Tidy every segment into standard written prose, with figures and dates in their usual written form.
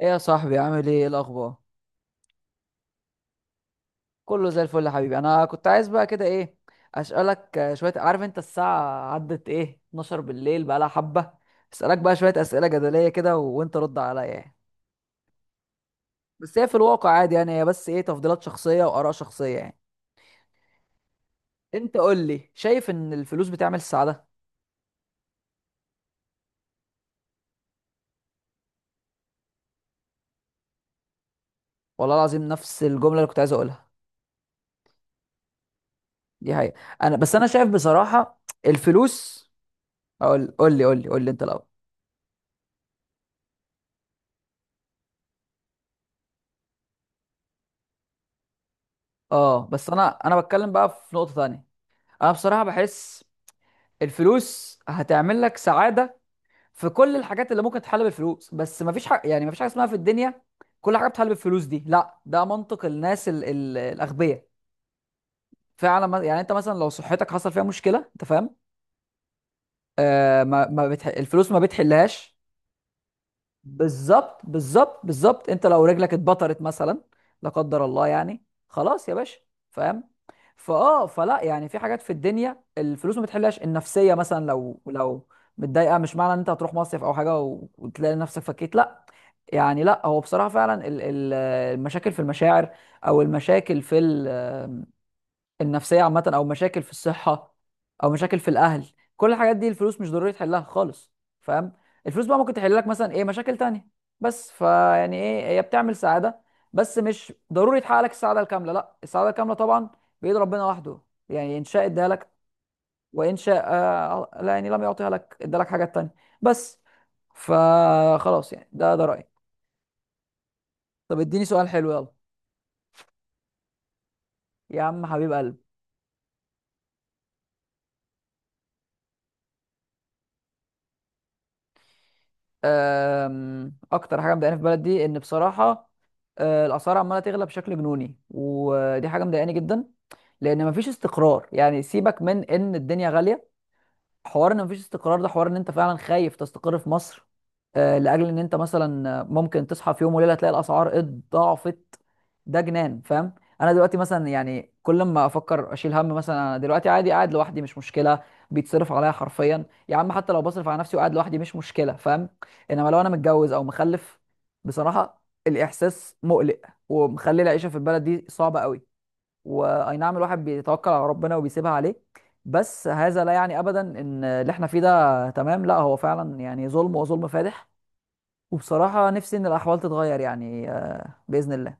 ايه يا صاحبي، عامل ايه؟ إيه الاخبار؟ كله زي الفل يا حبيبي. انا كنت عايز بقى كده ايه، اسالك شويه. عارف انت الساعه عدت ايه؟ 12 بالليل، بقى لها حبه. اسالك بقى شويه اسئله جدليه كده وانت رد عليا يعني. بس هي في الواقع عادي يعني، هي بس ايه، تفضيلات شخصيه واراء شخصيه يعني. انت قول لي، شايف ان الفلوس بتعمل السعاده؟ والله العظيم نفس الجمله اللي كنت عايز اقولها. دي حقيقه. انا بس انا شايف بصراحه الفلوس. اقول، قول لي قول لي قول لي انت الاول. اه بس انا بتكلم بقى في نقطه ثانيه. انا بصراحه بحس الفلوس هتعمل لك سعادة في كل الحاجات اللي ممكن تحل بالفلوس، بس مفيش حاجة، يعني مفيش حاجة اسمها في الدنيا كل حاجة بتحل بالفلوس. دي لا، ده منطق الناس ال الأغبياء. فعلا يعني انت مثلا لو صحتك حصل فيها مشكلة، انت فاهم. ما ما بتح... الفلوس ما بتحلهاش. بالظبط بالظبط بالظبط، انت لو رجلك اتبطرت مثلا، لا قدر الله يعني. خلاص يا باشا، فاهم. فلا يعني في حاجات في الدنيا الفلوس ما بتحلهاش. النفسيه مثلا، لو متضايقه، مش معنى ان انت هتروح مصيف او حاجه وتلاقي نفسك فكيت، لا. يعني لا، هو بصراحه فعلا المشاكل في المشاعر، او المشاكل في النفسيه عامه، او مشاكل في الصحه، او مشاكل في الاهل. كل الحاجات دي الفلوس مش ضروري تحلها خالص، فاهم. الفلوس بقى ممكن تحل لك مثلا ايه، مشاكل تانية. بس فيعني ايه، هي بتعمل سعاده بس مش ضروري تحقق لك السعاده الكامله. لا السعاده الكامله طبعا بايد ربنا وحده، يعني ان شاء اداها لك، وان شاء لا، يعني لم يعطيها لك ادالك حاجات تانية. بس، فخلاص يعني ده رايي. طب اديني سؤال حلو يلا. يا عم حبيب قلبي. اكتر حاجه مضايقاني في بلدي ان بصراحه الاسعار عماله تغلى بشكل جنوني، ودي حاجه مضايقاني جدا. لان مفيش استقرار، يعني سيبك من ان الدنيا غاليه، حوار ان مفيش استقرار ده حوار ان انت فعلا خايف تستقر في مصر. لاجل ان انت مثلا ممكن تصحى في يوم وليله تلاقي الاسعار اتضاعفت. ده جنان، فاهم. انا دلوقتي مثلا يعني كل ما افكر اشيل هم، مثلا انا دلوقتي عادي قاعد لوحدي، مش مشكله، بيتصرف عليا حرفيا يا عم. حتى لو بصرف على نفسي وقاعد لوحدي مش مشكله، فاهم. انما لو انا متجوز او مخلف، بصراحه الاحساس مقلق، ومخلي العيشه في البلد دي صعبه قوي. واي نعم الواحد بيتوكل على ربنا وبيسيبها عليه، بس هذا لا يعني ابدا ان اللي احنا فيه ده تمام. لا، هو فعلا يعني ظلم وظلم فادح. وبصراحة نفسي ان الاحوال تتغير يعني باذن الله.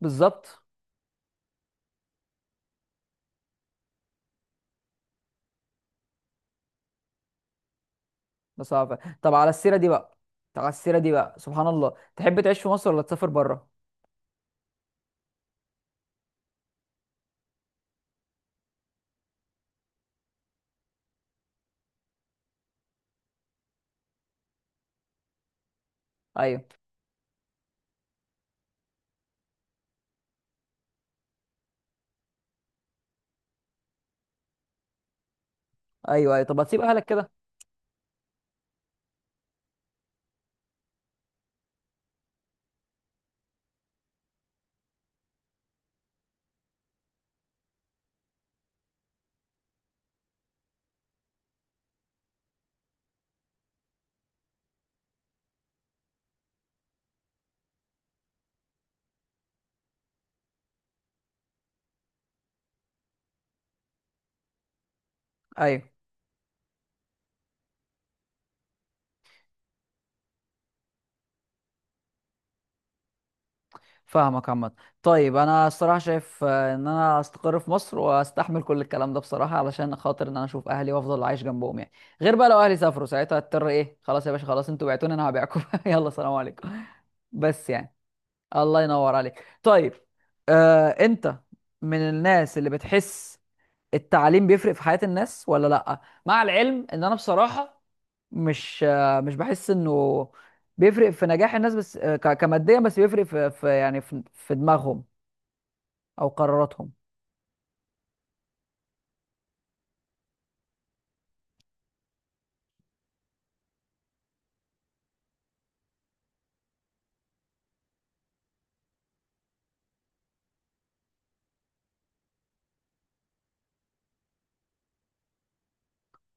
بالظبط. بس عارف. طب على السيرة دي بقى، سبحان الله، تحب تعيش في مصر ولا تسافر بره؟ ايوه. ايوه ايوه، طب هتسيب اهلك كده؟ ايوه. فاهمك عامة. طيب انا الصراحة شايف ان انا استقر في مصر واستحمل كل الكلام ده بصراحة علشان خاطر ان انا اشوف اهلي وافضل عايش جنبهم يعني. غير بقى لو اهلي سافروا ساعتها هضطر ايه، خلاص يا باشا خلاص، انتوا بعتوني انا هبيعكم يلا سلام عليكم. بس يعني، الله ينور عليك. طيب انت من الناس اللي بتحس التعليم بيفرق في حياة الناس ولا لأ؟ مع العلم ان انا بصراحة مش بحس انه بيفرق في نجاح الناس، بس كماديا، بس بيفرق في يعني في دماغهم او قراراتهم.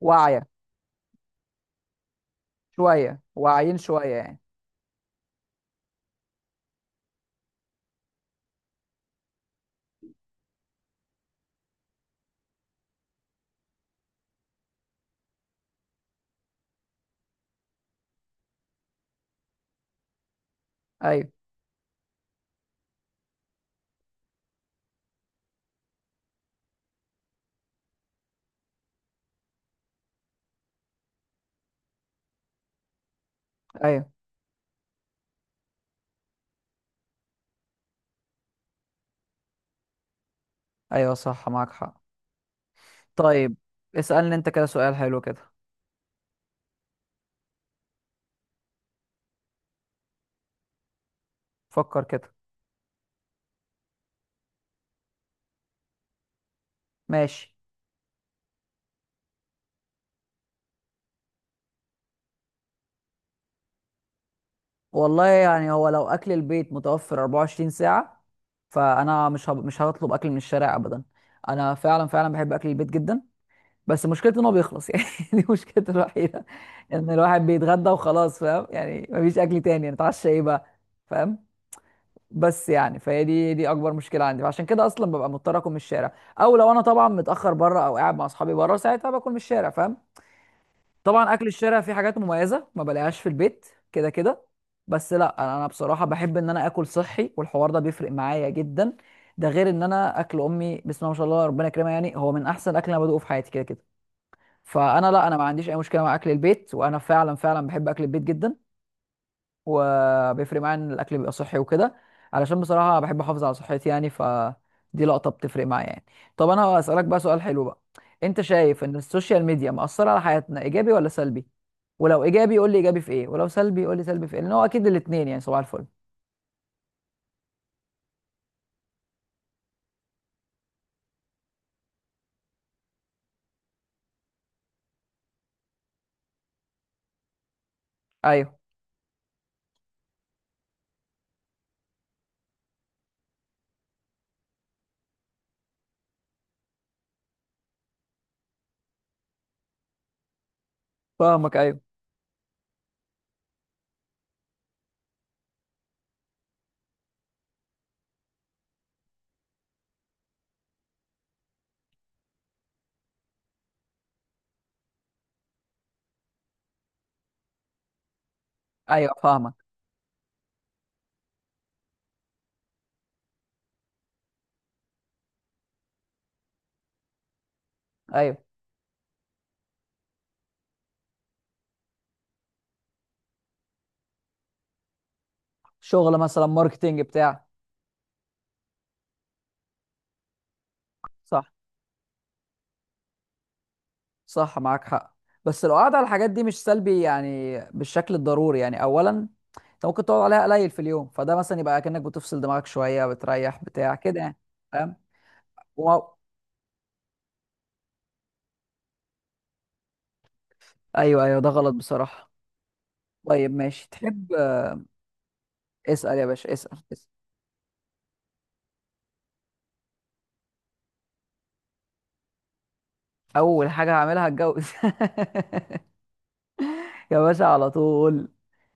واعية. شوية واعيين شوية يعني. ايوه ايوه ايوه صح، معاك حق. طيب اسألني انت كده سؤال حلو كده. فكر كده. ماشي. والله يعني، هو لو اكل البيت متوفر 24 ساعة، فانا مش هطلب اكل من الشارع ابدا. انا فعلا فعلا بحب اكل البيت جدا، بس مشكلته ان هو بيخلص يعني دي مشكلته الوحيده، ان الواحد بيتغدى وخلاص، فاهم، يعني مفيش اكل تاني نتعشى ايه بقى، فاهم. بس يعني فهي دي اكبر مشكله عندي، فعشان كده اصلا ببقى مضطر اكل من الشارع، او لو انا طبعا متاخر بره او قاعد مع اصحابي بره ساعتها باكل من الشارع، فاهم. طبعا اكل الشارع فيه حاجات مميزه ما بلاقيهاش في البيت كده كده. بس لا، أنا بصراحه بحب ان انا اكل صحي، والحوار ده بيفرق معايا جدا. ده غير ان انا اكل امي، بسم الله ما شاء الله ربنا يكرمها، يعني هو من احسن اكل انا بدوقه في حياتي كده كده. فانا لا، انا ما عنديش اي مشكله مع اكل البيت، وانا فعلا فعلا بحب اكل البيت جدا، وبيفرق معايا ان الاكل بيبقى صحي وكده، علشان بصراحه بحب احافظ على صحتي يعني. فدي لقطه بتفرق معايا يعني. طب انا هسالك بقى سؤال حلو بقى. انت شايف ان السوشيال ميديا مأثره على حياتنا ايجابي ولا سلبي؟ ولو ايجابي قول لي ايجابي في ايه، ولو سلبي قول لي سلبي في ايه، لان هو اكيد الاثنين يعني. صباح الفل. ايوه فاهمك. ايوه ايوه فاهمك. ايوه. شغل مثلا ماركتينج بتاع. صح. صح، معاك حق. بس لو قعد على الحاجات دي مش سلبي يعني بالشكل الضروري يعني. اولا انت ممكن تقعد عليها قليل في اليوم، فده مثلا يبقى كأنك بتفصل دماغك شوية، بتريح بتاع كده يعني، فاهم. و... ايوه ايوه، ده غلط بصراحة. طيب ماشي، تحب. اسأل يا باشا، اسأل, اسأل. اول حاجة هعملها هتجوز يا باشا على طول،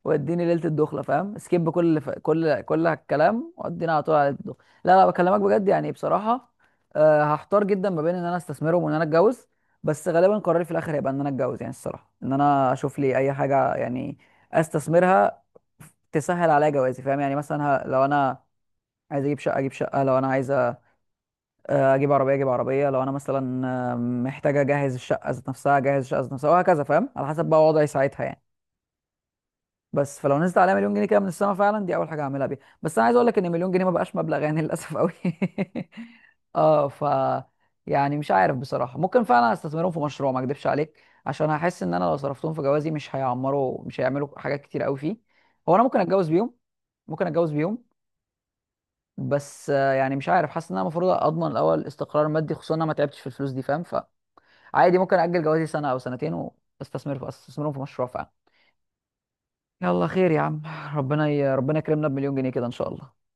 واديني ليله الدخله فاهم، سكيب كل اللي ف... كل كل الكلام، واديني على طول على ليله الدخله. لا لا بكلمك بجد يعني بصراحه. هحتار جدا ما بين ان انا استثمرهم وان انا اتجوز. بس غالبا قراري في الاخر هيبقى ان انا اتجوز يعني. الصراحه ان انا اشوف لي اي حاجه يعني استثمرها، تسهل عليا جوازي فاهم يعني. مثلا لو انا عايز اجيب شقه اجيب شقه، لو انا عايز اجيب عربيه اجيب عربيه، لو انا مثلا محتاجه اجهز الشقه ذات نفسها اجهز الشقه ذات نفسها، وهكذا فاهم على حسب بقى وضعي ساعتها يعني. بس فلو نزلت عليها مليون جنيه كده من السما، فعلا دي اول حاجه هعملها بيها. بس انا عايز اقول لك ان مليون جنيه ما بقاش مبلغ يعني للاسف قوي. اه ف يعني مش عارف بصراحه، ممكن فعلا استثمرهم في مشروع ما اكدبش عليك، عشان هحس ان انا لو صرفتهم في جوازي مش هيعملوا حاجات كتير قوي فيه. هو انا ممكن اتجوز بيهم، ممكن اتجوز بيهم بس يعني مش عارف، حاسس ان انا المفروض اضمن الاول استقرار مادي، خصوصا ان انا ما تعبتش في الفلوس دي، فاهم. فعادي ممكن اجل جوازي سنه او سنتين واستثمر في استثمرهم في مشروع فعلا. يلا خير يا عم، ربنا ربنا يكرمنا بمليون جنيه كده ان شاء الله.